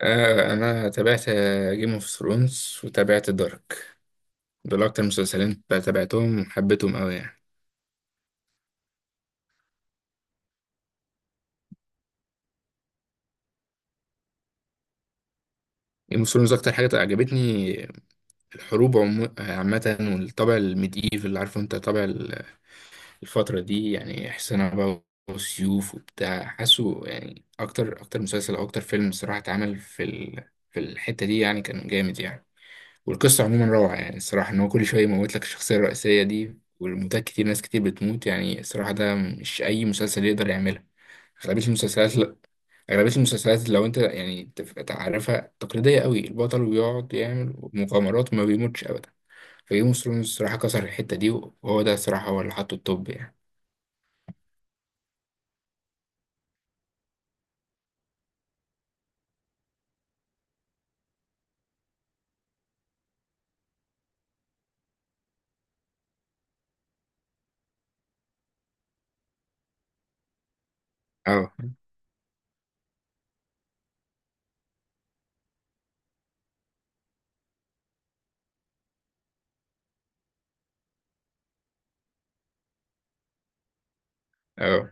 آه انا تابعت جيم اوف ثرونز وتابعت دارك، دول اكتر مسلسلين تابعتهم وحبيتهم قوي يعني. جيم اوف ثرونز اكتر حاجه عجبتني الحروب عامه، والطابع الميديف اللي عارفه انت طابع الفتره دي، يعني حصانه بقى وسيوف وبتاع، حاسه يعني اكتر اكتر مسلسل او اكتر فيلم صراحه اتعمل في الحته دي، يعني كان جامد يعني. والقصة عموما روعة يعني، الصراحة إن هو كل شوية يموت لك الشخصية الرئيسية دي، والموتات كتير، ناس كتير بتموت يعني، الصراحة ده مش أي مسلسل يقدر يعملها. أغلبية المسلسلات لأ، أغلبية المسلسلات لو أنت يعني تعرفها تقليدية قوي، البطل بيقعد يعمل مغامرات وما بيموتش أبدا. فجيم اوف ثرونز الصراحة كسر الحتة دي، وهو ده الصراحة هو اللي حطه التوب يعني. اه، اه،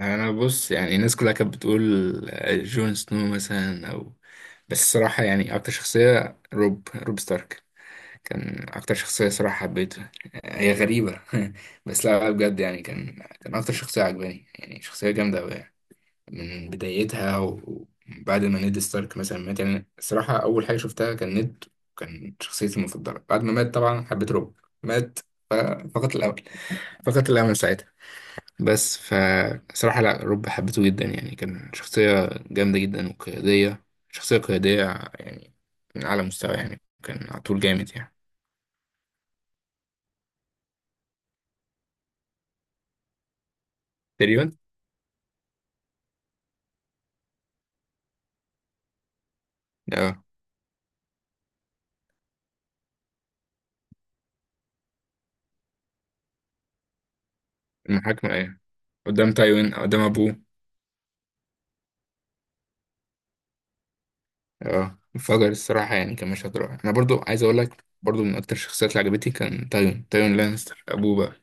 أنا بص يعني الناس كلها كانت بتقول جون سنو مثلا أو، بس الصراحة يعني أكتر شخصية روب ستارك كان اكتر شخصية صراحة حبيتها. هي غريبة بس لا لا بجد يعني، كان اكتر شخصية عجباني، يعني شخصية جامدة أوي يعني. من بدايتها وبعد ما نيد ستارك مثلا مات، يعني الصراحة أول حاجة شفتها كان نيد، كان شخصيتي المفضلة. بعد ما مات طبعا حبيت روب مات، فقط الأمل فقط الأمل ساعتها. بس فصراحة لا، روب حبيته جدا يعني، كان شخصية جامدة جدا وقيادية، شخصية قيادية يعني، من أعلى مستوى يعني، كان على طول جامد يعني. تقريبا. آه. المحاكمة ايه؟ قدام تايوين قدام ابوه؟ اه انفجر الصراحة، يعني كان مشهد رائع. انا برضو عايز اقول لك، برضو من اكتر الشخصيات اللي عجبتني كان تايوين تايوين لانستر ابوه بقى،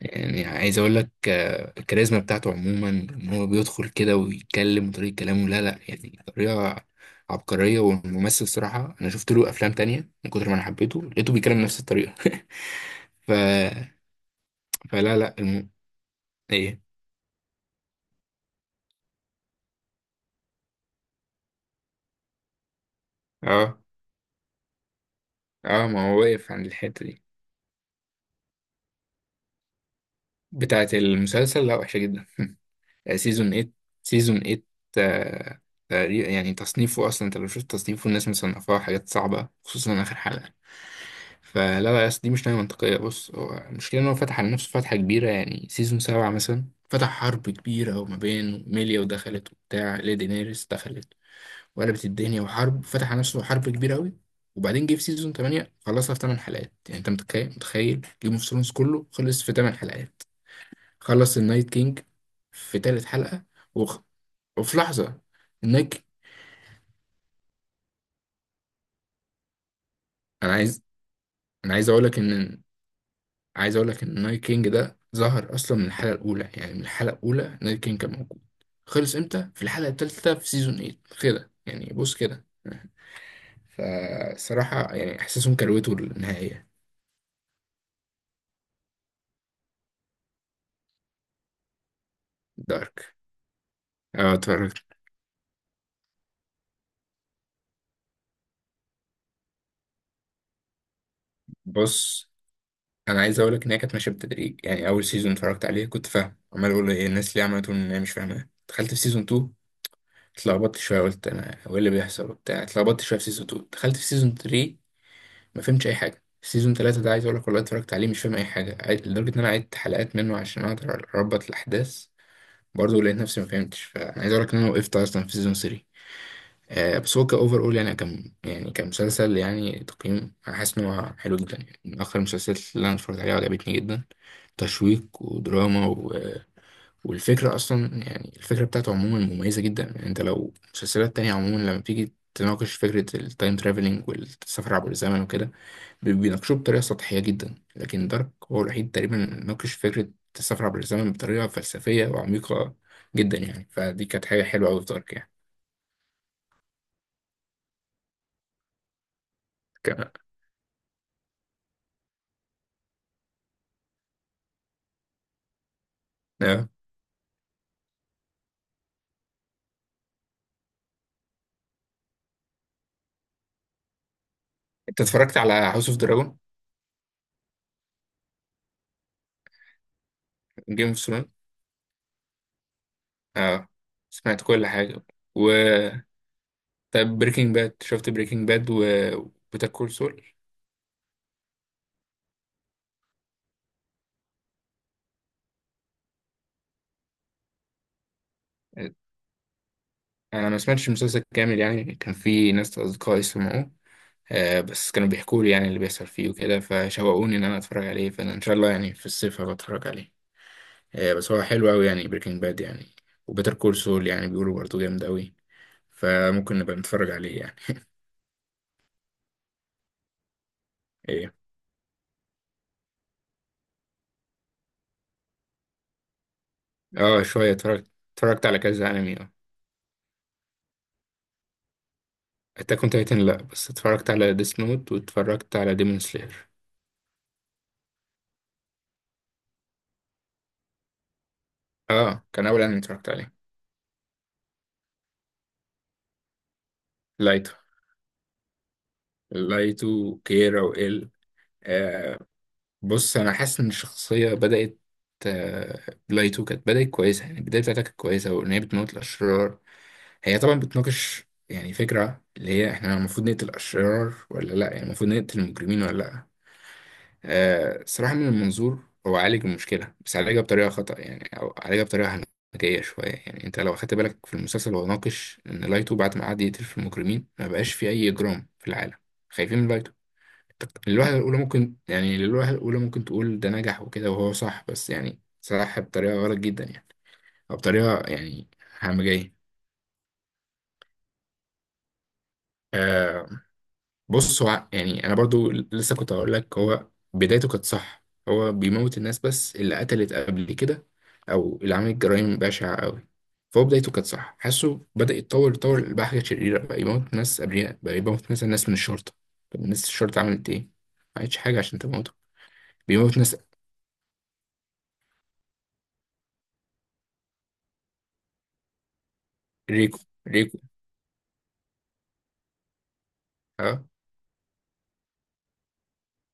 يعني عايز اقول لك، الكاريزما بتاعته عموما ان هو بيدخل كده ويتكلم وطريقة كلامه، لا لا يعني طريقة عبقرية. والممثل صراحة انا شفت له افلام تانية، من كتر ما انا حبيته لقيته بيتكلم نفس الطريقة. ف... فلا لا ايه؟ اه، اه، ما هو واقف عند الحتة دي. بتاعت المسلسل، لا وحشة جدا. سيزون 8، سيزون 8، آه، تقريبا يعني، تصنيفه اصلا انت لو شفت تصنيفه الناس مصنفاه حاجات صعبه، خصوصا اخر حلقه. فلا لا، أصل دي مش نهايه منطقيه، بص هو المشكله ان هو فتح على نفسه فتحه كبيره يعني، سيزون 7 مثلا فتح حرب كبيره، وما بين ميليا ودخلت وبتاع ليدي نيرس دخلت وقلبت الدنيا وحرب، فتح على نفسه حرب كبيره قوي. وبعدين جه في سيزون 8 خلصها في 8 حلقات، يعني انت متخيل، جيم اوف ثرونز كله خلص في 8 حلقات. خلص النايت كينج في تالت حلقة، وخ... وفي لحظة. النايت كي- أنا عايز أنا عايز أقول لك إن عايز أقول لك إن النايت كينج ده ظهر أصلا من الحلقة الأولى، يعني من الحلقة الأولى النايت كينج كان موجود. خلص إمتى؟ في الحلقة التالتة في سيزون 8 كده يعني، بص كده، فصراحة يعني إحساسهم كروته النهائية. دارك، أه اتفرجت. بص أنا عايز أقول لك إن هي كانت ماشية بالتدريج، يعني أول سيزون اتفرجت عليه كنت فاهم، عمال أقول إيه الناس ليه عملته إن هي مش فاهمة، دخلت في سيزون 2 اتلخبطت شويه، قلت انا هو ايه اللي بيحصل وبتاع، اتلخبطت شويه في سيزون 2، دخلت في سيزون 3 ما فهمتش اي حاجه. سيزون 3 ده عايز اقول لك والله اتفرجت عليه مش فاهم اي حاجه، لدرجه ان انا عدت حلقات منه عشان اقدر اربط الاحداث، برضه لقيت نفسي ما فهمتش، فانا عايز اقول لك ان انا وقفت اصلا في سيزون 3. بس هو كاوفر اول يعني، كان يعني كمسلسل يعني تقييم، انا حاسس ان هو حلو جدا يعني، من اخر المسلسلات اللي انا اتفرجت عليها وعجبتني جدا، تشويق ودراما. والفكرة أصلا يعني الفكرة بتاعته عموما مميزة جدا يعني، أنت لو مسلسلات تانية عموما لما بتيجي تناقش فكرة التايم ترافلينج والسفر عبر الزمن وكده بيناقشوه بطريقة سطحية جدا، لكن دارك هو الوحيد تقريبا اللي ناقش فكرة السفر عبر الزمن بطريقة فلسفية وعميقة جدا يعني، فدي كانت حاجة حلوة أوي في دارك يعني. ك- آه. أنت اتفرجت على هاوس أوف دراجون؟ جيم اوف ثرونز. اه سمعت كل حاجة، و طب بريكنج باد، شفت بريكنج باد و بيتر كول سول؟ انا ما سمعتش المسلسل كامل يعني، كان في ناس اصدقائي سمعوه، بس كانوا بيحكوا لي يعني اللي بيحصل فيه وكده، فشوقوني ان انا اتفرج عليه، فانا ان شاء الله يعني في الصيف هبقى اتفرج عليه. بس هو حلو قوي يعني بريكنج باد يعني، وبيتر كول سول يعني بيقولوا برضه جامد قوي، فممكن نبقى نتفرج عليه يعني. ايه؟ اه شويه، اتفرجت على كذا انمي، اه. اتاك اون تايتن لا، بس اتفرجت على ديس نوت واتفرجت على ديمون سلاير. اه كان اول انمي اتفرجت عليه. لايتو. كيرا وال، بص انا حاسس ان الشخصيه بدات، آه، لايتو كانت بدات كويسه، يعني البدايه بتاعتها كانت كويسه، وان هي بتموت الاشرار. هي طبعا بتناقش يعني فكره اللي هي احنا المفروض نقتل الاشرار ولا لا، يعني المفروض نقتل المجرمين ولا لا. صراحه من المنظور هو عالج المشكله، بس عالجها بطريقه خطا، يعني او عالجها بطريقه هنجيه شويه. يعني انت لو اخدت بالك في المسلسل هو ناقش ان لايتو بعد ما قعد يقتل في المجرمين ما بقاش في اي اجرام في العالم، خايفين من لايتو. للوهلة الأولى ممكن يعني، للوهلة الأولى ممكن تقول ده نجح وكده وهو صح، بس يعني صح بطريقة غلط جدا يعني، أو بطريقة يعني همجية. آه بص هو يعني، أنا برضو لسه كنت هقول لك، هو بدايته كانت صح هو بيموت الناس بس اللي قتلت قبل كده، أو اللي عملت جرائم بشعة أوي. فهو بدايته كانت صح، حاسه بدأ يتطور يتطور، بقى حاجة شريرة، بقى يموت ناس أبرياء، بقى يموت مثلا ناس من الشرطة. طب ناس الشرطة عملت إيه؟ ما عملتش حاجة عشان تموته. بيموت ناس. ريكو، ريكو، اه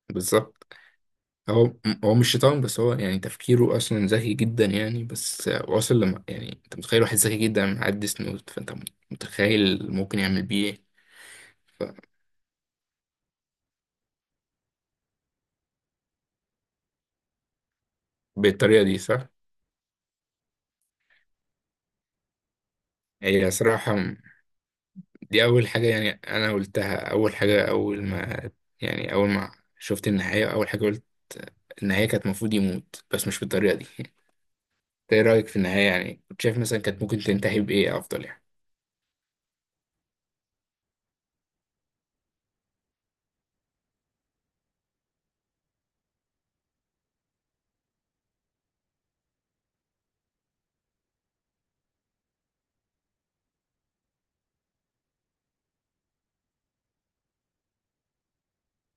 بالظبط. هو هو مش شيطان، بس هو يعني تفكيره اصلا ذكي جدا يعني، بس واصل، لما يعني انت متخيل واحد ذكي جدا معدي سنوت، فانت متخيل ممكن يعمل بيه ايه. ف- بالطريقه دي صح. هي صراحه دي اول حاجه يعني، انا قلتها اول حاجه، اول ما شفت النهايه اول حاجه قلت، النهايه كانت المفروض يموت بس مش بالطريقه دي. انت ايه رايك في النهايه يعني، كنت شايف مثلا كانت ممكن تنتهي بايه افضل يعني؟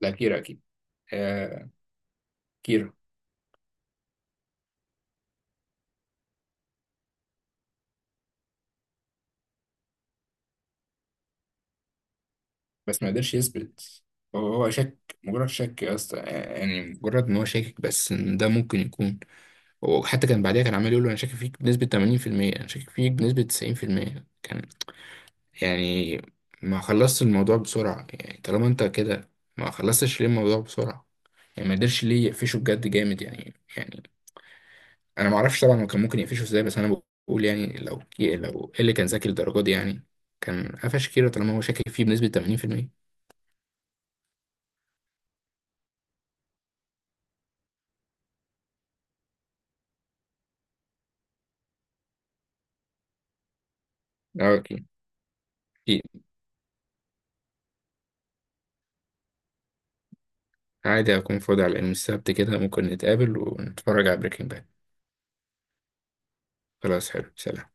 لا، كيرا اكيد. آه، كيرا. بس ما قدرش يثبت، هو هو شك، مجرد شك يا اسطى، يعني مجرد ان هو شاكك بس ان ده ممكن يكون. هو حتى كان بعديها كان عمال يقول له انا شاكك فيك بنسبة 80%، انا شاكك فيك بنسبة 90% كان يعني. ما خلصت الموضوع بسرعة يعني، طالما انت كده ما خلصتش ليه الموضوع بسرعة؟ يعني ما قدرش ليه يقفشه بجد جامد يعني. انا ما اعرفش طبعا هو كان ممكن يقفشه ازاي، بس انا بقول يعني، لو إيه اللي كان ذكي للدرجة دي يعني، كان قفش كيرا طالما هو شاكك فيه بنسبة 80%. اه اوكي. عادي أكون فاضي على يوم السبت كده، ممكن نتقابل ونتفرج على بريكنج باد. خلاص حلو، سلام.